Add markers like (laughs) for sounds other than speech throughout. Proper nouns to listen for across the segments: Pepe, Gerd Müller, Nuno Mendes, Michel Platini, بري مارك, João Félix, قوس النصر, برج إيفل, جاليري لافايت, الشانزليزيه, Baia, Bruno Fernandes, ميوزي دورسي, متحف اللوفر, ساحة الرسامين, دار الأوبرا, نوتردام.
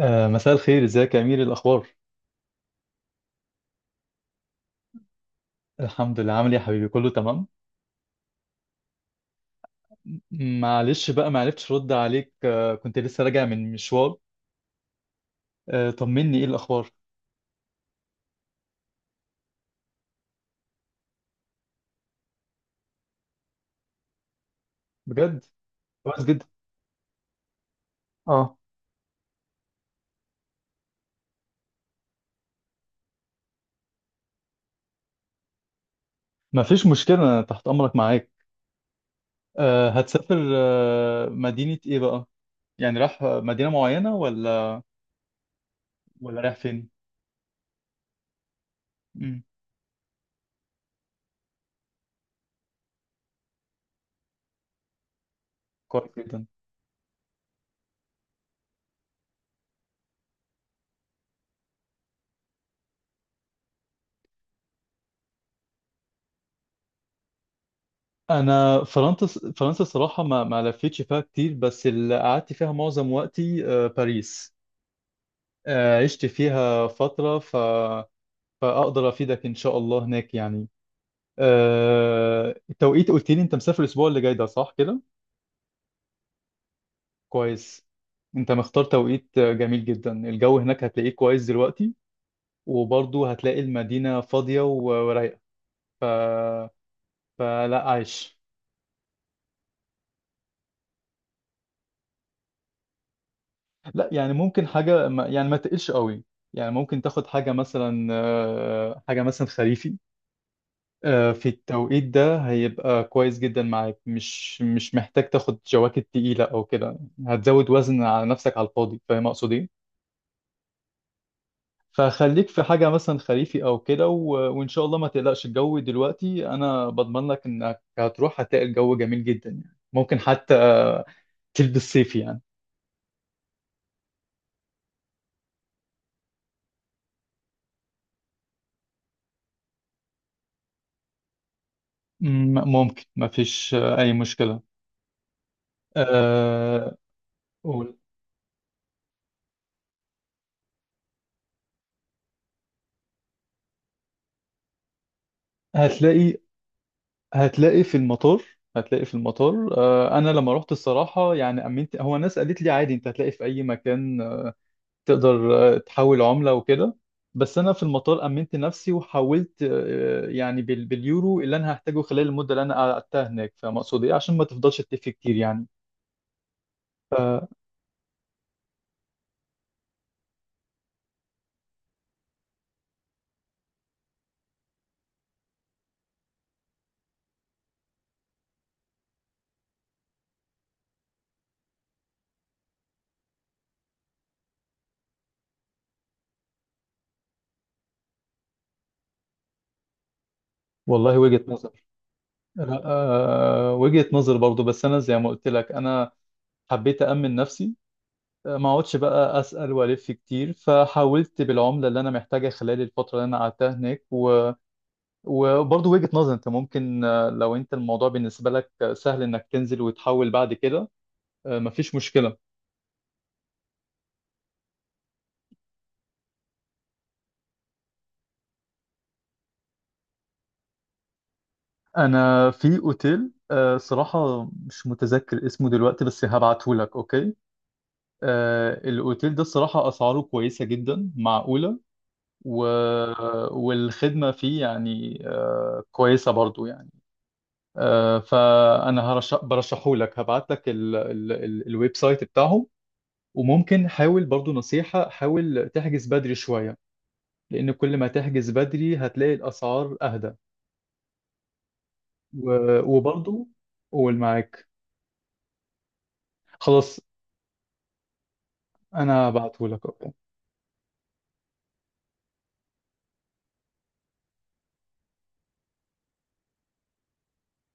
مساء الخير، ازيك يا امير؟ الاخبار؟ الحمد لله، عامل ايه يا حبيبي؟ كله تمام. معلش بقى، ما عرفتش ارد عليك، كنت لسه راجع من مشوار. طمني، ايه الاخبار؟ بجد؟ كويس جدا. اه، ما فيش مشكله، أنا تحت امرك معاك. هتسافر مدينه ايه بقى؟ يعني رايح مدينه معينه ولا؟ ولا رايح فين؟ مم. كويس جدا. انا فرنسا، فرنسا الصراحه ما لفيتش فيها كتير، بس اللي قعدت فيها معظم وقتي باريس. عشت فيها فترة. فأقدر أفيدك إن شاء الله هناك يعني. التوقيت، قلت لي أنت مسافر الأسبوع اللي جاي ده، صح كده؟ كويس. أنت مختار توقيت جميل جدا. الجو هناك هتلاقيه كويس دلوقتي، وبرضه هتلاقي المدينة فاضية و- ورايقة. ف... فلا عايش. لا، يعني ممكن حاجة يعني ما تقلش قوي. يعني ممكن تاخد حاجة مثلا خريفي. في التوقيت ده هيبقى كويس جدا معاك، مش محتاج تاخد جواكت تقيلة أو كده. هتزود وزن على نفسك على الفاضي. فاهم أقصد إيه؟ فخليك في حاجة مثلا خريفي أو كده، وإن شاء الله ما تقلقش. الجو دلوقتي أنا بضمن لك إنك هتروح هتلاقي الجو جميل جدا، يعني ممكن حتى تلبس صيفي يعني. ممكن، ما فيش أي مشكلة. أه... قول. هتلاقي هتلاقي في المطار، هتلاقي في المطار. انا لما رحت الصراحه يعني امنت، هو الناس قالت لي عادي انت هتلاقي في اي مكان تقدر تحول عمله وكده. بس انا في المطار امنت نفسي وحولت يعني باليورو اللي انا هحتاجه خلال المده اللي انا قعدتها هناك. فاهم اقصد ايه؟ عشان ما تفضلش تلف كتير يعني. ف- والله وجهه نظر. لا، وجهه نظر برضو، بس انا زي ما قلت لك انا حبيت امن نفسي، ما اقعدش بقى اسال والف كتير. فحاولت بالعمله اللي انا محتاجها خلال الفتره اللي انا قعدتها هناك. وبرضه وجهه نظر، انت ممكن لو انت الموضوع بالنسبه لك سهل انك تنزل وتحول بعد كده مفيش مشكله. انا في اوتيل صراحه مش متذكر اسمه دلوقتي، بس هبعته لك. اوكي. الاوتيل ده الصراحه اسعاره كويسه جدا، معقوله. و... والخدمه فيه يعني كويسه برضه يعني. فانا برشحه لك، هبعت لك الويب سايت بتاعهم. وممكن حاول برضو، نصيحة حاول تحجز بدري شوية، لان كل ما تحجز بدري هتلاقي الاسعار اهدى. و- وبرضو قول، معاك. خلاص، انا هبعته لك. اوكي.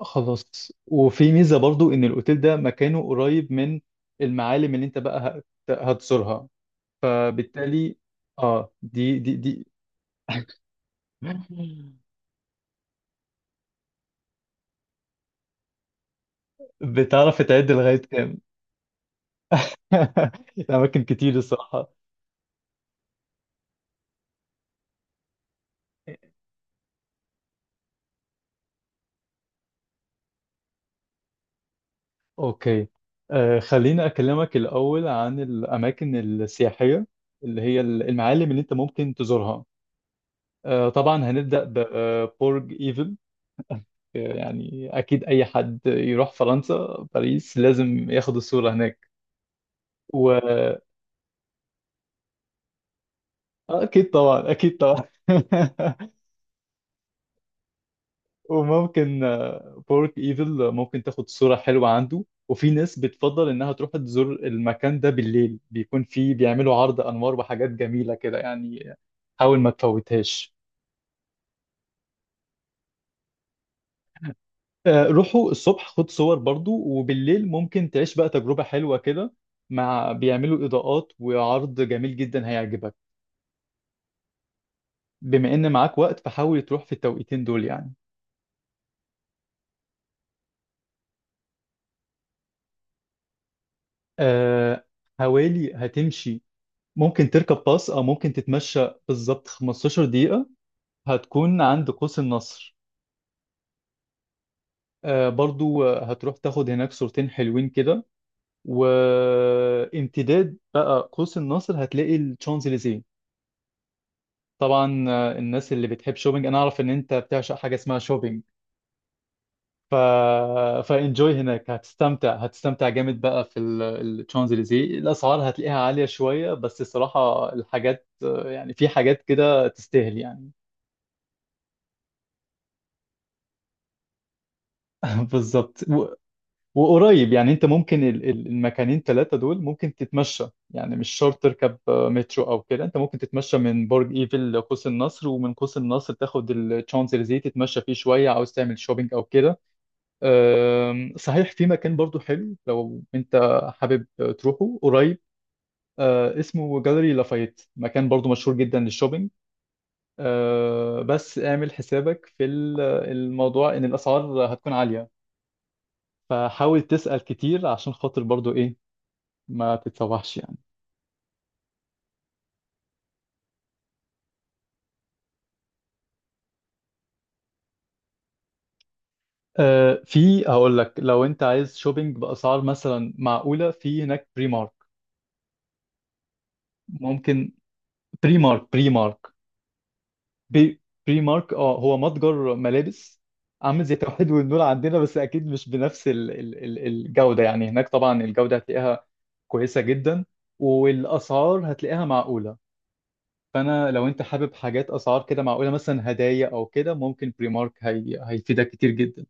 خلاص، وفي ميزة برضو ان الاوتيل ده مكانه قريب من المعالم اللي انت بقى هتزورها، فبالتالي اه، دي. (laughs) بتعرف تعد لغاية؟ (laughs) أماكن كتير الصراحة. أوكي. خليني أكلمك الأول عن الأماكن السياحية، اللي هي المعالم اللي أنت ممكن تزورها. طبعا هنبدأ ببرج إيفل. يعني أكيد أي حد يروح فرنسا، باريس لازم ياخد الصورة هناك. و... آه، أكيد طبعا، أكيد طبعا. (laughs) وممكن بارك ايفل ممكن تاخد صورة حلوة عنده. وفي ناس بتفضل انها تروح تزور المكان ده بالليل، بيكون فيه بيعملوا عرض انوار وحاجات جميلة كده يعني. حاول ما تفوتهاش. روحوا الصبح خد صور برضو، وبالليل ممكن تعيش بقى تجربة حلوة كده، مع بيعملوا اضاءات وعرض جميل جدا هيعجبك. بما ان معاك وقت فحاول تروح في التوقيتين دول يعني. آه، حوالي هتمشي، ممكن تركب باص او ممكن تتمشى بالظبط 15 دقيقة، هتكون عند قوس النصر. برضو هتروح تاخد هناك صورتين حلوين كده. وامتداد بقى قوس النصر هتلاقي الشانزليزيه. طبعا الناس اللي بتحب شوبينج، انا اعرف ان انت بتعشق حاجه اسمها شوبينج. ف فانجوي هناك، هتستمتع، هتستمتع جامد بقى في الشانزليزيه. الاسعار هتلاقيها عاليه شويه، بس الصراحه الحاجات يعني في حاجات كده تستاهل يعني. (laughs) بالظبط. وقريب، يعني انت ممكن المكانين ثلاثة دول ممكن تتمشى، يعني مش شرط تركب مترو او كده. انت ممكن تتمشى من برج ايفل لقوس النصر، ومن قوس النصر تاخد الشانزليزيه تتمشى فيه شوية، عاوز تعمل شوبينج او كده. صحيح في مكان برضو حلو لو انت حابب تروحه قريب، اسمه جاليري لافايت، مكان برضو مشهور جدا للشوبينج. بس اعمل حسابك في الموضوع ان الاسعار هتكون عالية. فحاول تسأل كتير عشان خاطر برضو ايه ما تتسوحش يعني. في، هقول لك لو انت عايز شوبينج باسعار مثلا معقوله، في هناك بري مارك. ممكن، بري مارك، بي- بري مارك، اه، هو متجر ملابس، عامل زي توحيد والنور عندنا، بس اكيد مش بنفس ال ال ال الجوده. يعني هناك طبعا الجوده هتلاقيها كويسه جدا، والاسعار هتلاقيها معقوله. فانا لو انت حابب حاجات اسعار كده معقوله مثلا هدايا او كده، ممكن بري مارك هي هيفيدك كتير جدا.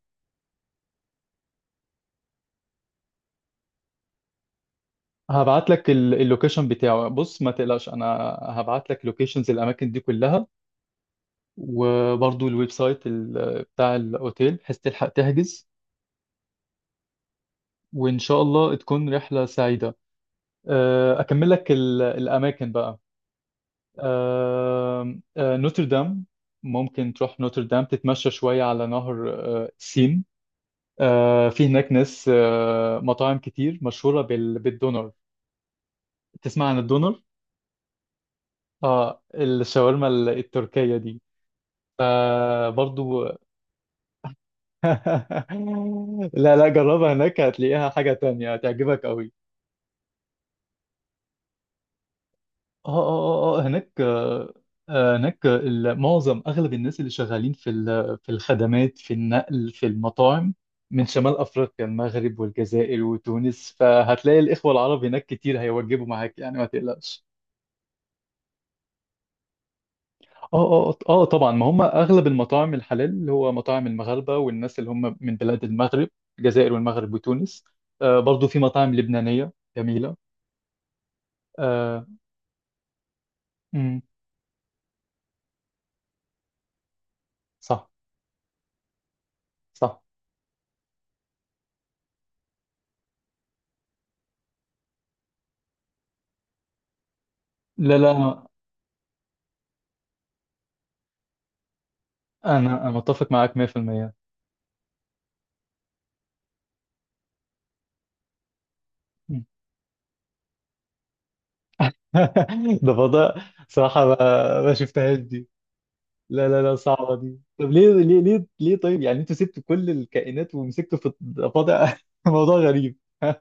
هبعت لك اللوكيشن بتاعه. بص، ما تقلقش، انا هبعت لك لوكيشنز الاماكن دي كلها، وبرضو الويب سايت بتاع الاوتيل، بحيث تلحق تحجز. وان شاء الله تكون رحلة سعيدة. اكمل لك الاماكن بقى. أه، أه، نوتردام، ممكن تروح نوتردام تتمشى شوية على نهر سين. في هناك ناس أه، مطاعم كتير مشهورة بالدونر. تسمع عن الدونر؟ اه، الشاورما التركية دي. فبرضو. (laughs) لا، لا، جربها هناك هتلاقيها حاجة تانية هتعجبك قوي. هناك هناك معظم اغلب الناس اللي شغالين في في الخدمات، في النقل، في المطاعم، من شمال افريقيا، المغرب والجزائر وتونس. فهتلاقي الاخوة العرب هناك كتير، هيوجبوا معاك يعني، ما تقلقش. اه طبعا، ما هم اغلب المطاعم الحلال اللي هو مطاعم المغاربه والناس اللي هم من بلاد المغرب، الجزائر والمغرب وتونس. برضو في مطاعم لبنانيه جميله. آه امم صح، صح. لا، لا، انا أنا متفق معاك 100%. مم. (laughs) ده فضاء صراحه. ما شفتهاش دي. لا، لا، لا، صعبه دي. طب ليه، ليه، ليه، ليه؟ طيب يعني انتوا سبتوا كل الكائنات ومسكتوا في الضفادع؟ (laughs) موضوع غريب. (laughs)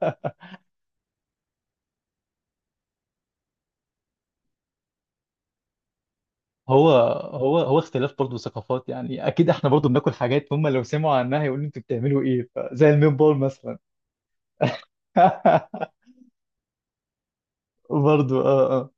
هو هو اختلاف برضه ثقافات، يعني اكيد احنا برضه بناكل حاجات هم لو سمعوا عنها يقولوا انتوا بتعملوا ايه، زي الميت بول مثلا. (laughs) برضه.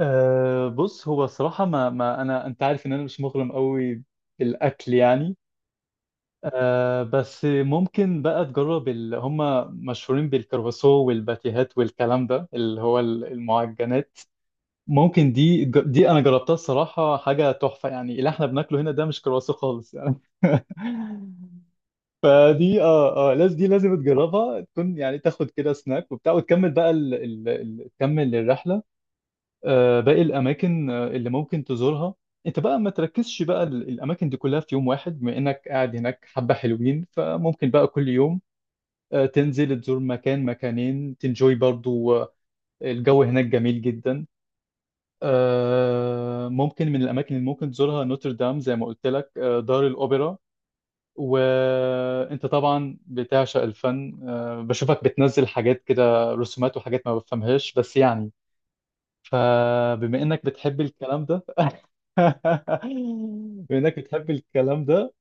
بص، هو الصراحه ما, ما انا انت عارف ان انا مش مغرم قوي بالاكل يعني. بس ممكن بقى تجرب. هم مشهورين بالكرواسو والباتيهات والكلام ده اللي هو المعجنات. ممكن، دي انا جربتها الصراحه، حاجه تحفه. يعني اللي احنا بناكله هنا ده مش كرواسو خالص يعني. (laughs) دي، لازم دي، لازم تجربها، تكون يعني تاخد كده سناك وبتاع، وتكمل بقى تكمل الرحله. باقي الاماكن اللي ممكن تزورها. انت بقى ما تركزش بقى الاماكن دي كلها في يوم واحد، بما انك قاعد هناك حبه حلوين، فممكن بقى كل يوم تنزل تزور مكان، مكانين، تنجوي برضو. الجو هناك جميل جدا. ممكن من الاماكن اللي ممكن تزورها نوتردام زي ما قلت لك، دار الاوبرا. وانت طبعا بتعشق الفن، بشوفك بتنزل حاجات كده رسومات وحاجات ما بفهمهاش بس يعني. فبما انك بتحب الكلام ده (laughs) بما انك بتحب الكلام ده،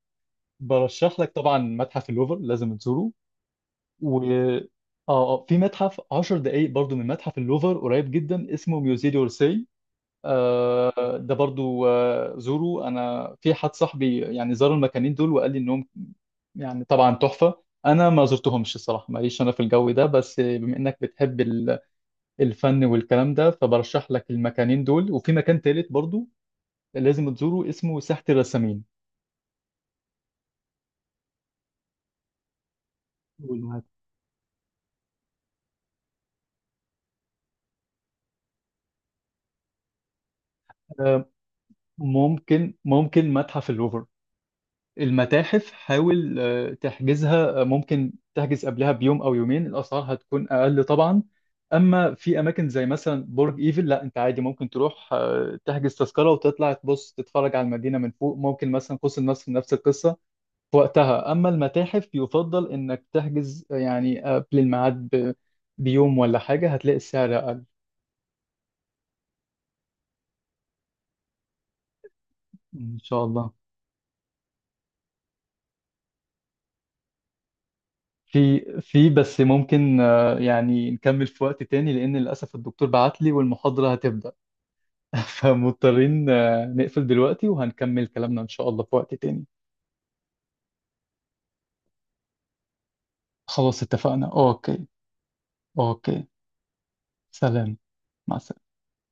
برشح لك طبعا متحف اللوفر، لازم تزوره. و اه في متحف 10 دقايق برضو من متحف اللوفر، قريب جدا، اسمه ميوزي دورسي. آه، ده برضو زوره. انا في حد صاحبي يعني زار المكانين دول وقال لي انهم يعني طبعا تحفة. أنا ما زرتهمش الصراحة، ماليش أنا في الجو ده، بس بما إنك بتحب الفن والكلام ده، فبرشح لك المكانين دول. وفي مكان تالت برضو لازم تزوره، اسمه ساحة الرسامين. آه، ممكن متحف اللوفر، المتاحف، حاول تحجزها. ممكن تحجز قبلها بيوم او يومين، الاسعار هتكون اقل طبعا. اما في اماكن زي مثلا برج ايفل، لا انت عادي ممكن تروح تحجز تذكره وتطلع تبص تتفرج على المدينه من فوق. ممكن مثلا قوس النصر نفس القصه في وقتها. اما المتاحف يفضل انك تحجز يعني قبل الميعاد بيوم ولا حاجه، هتلاقي السعر اقل. ان شاء الله. في بس ممكن يعني نكمل في وقت تاني، لان للاسف الدكتور بعت لي والمحاضره هتبدا. (laughs) فمضطرين نقفل دلوقتي، وهنكمل كلامنا إن شاء الله في وقت تاني. خلاص اتفقنا. أوكي. أوكي. سلام. مع السلامة.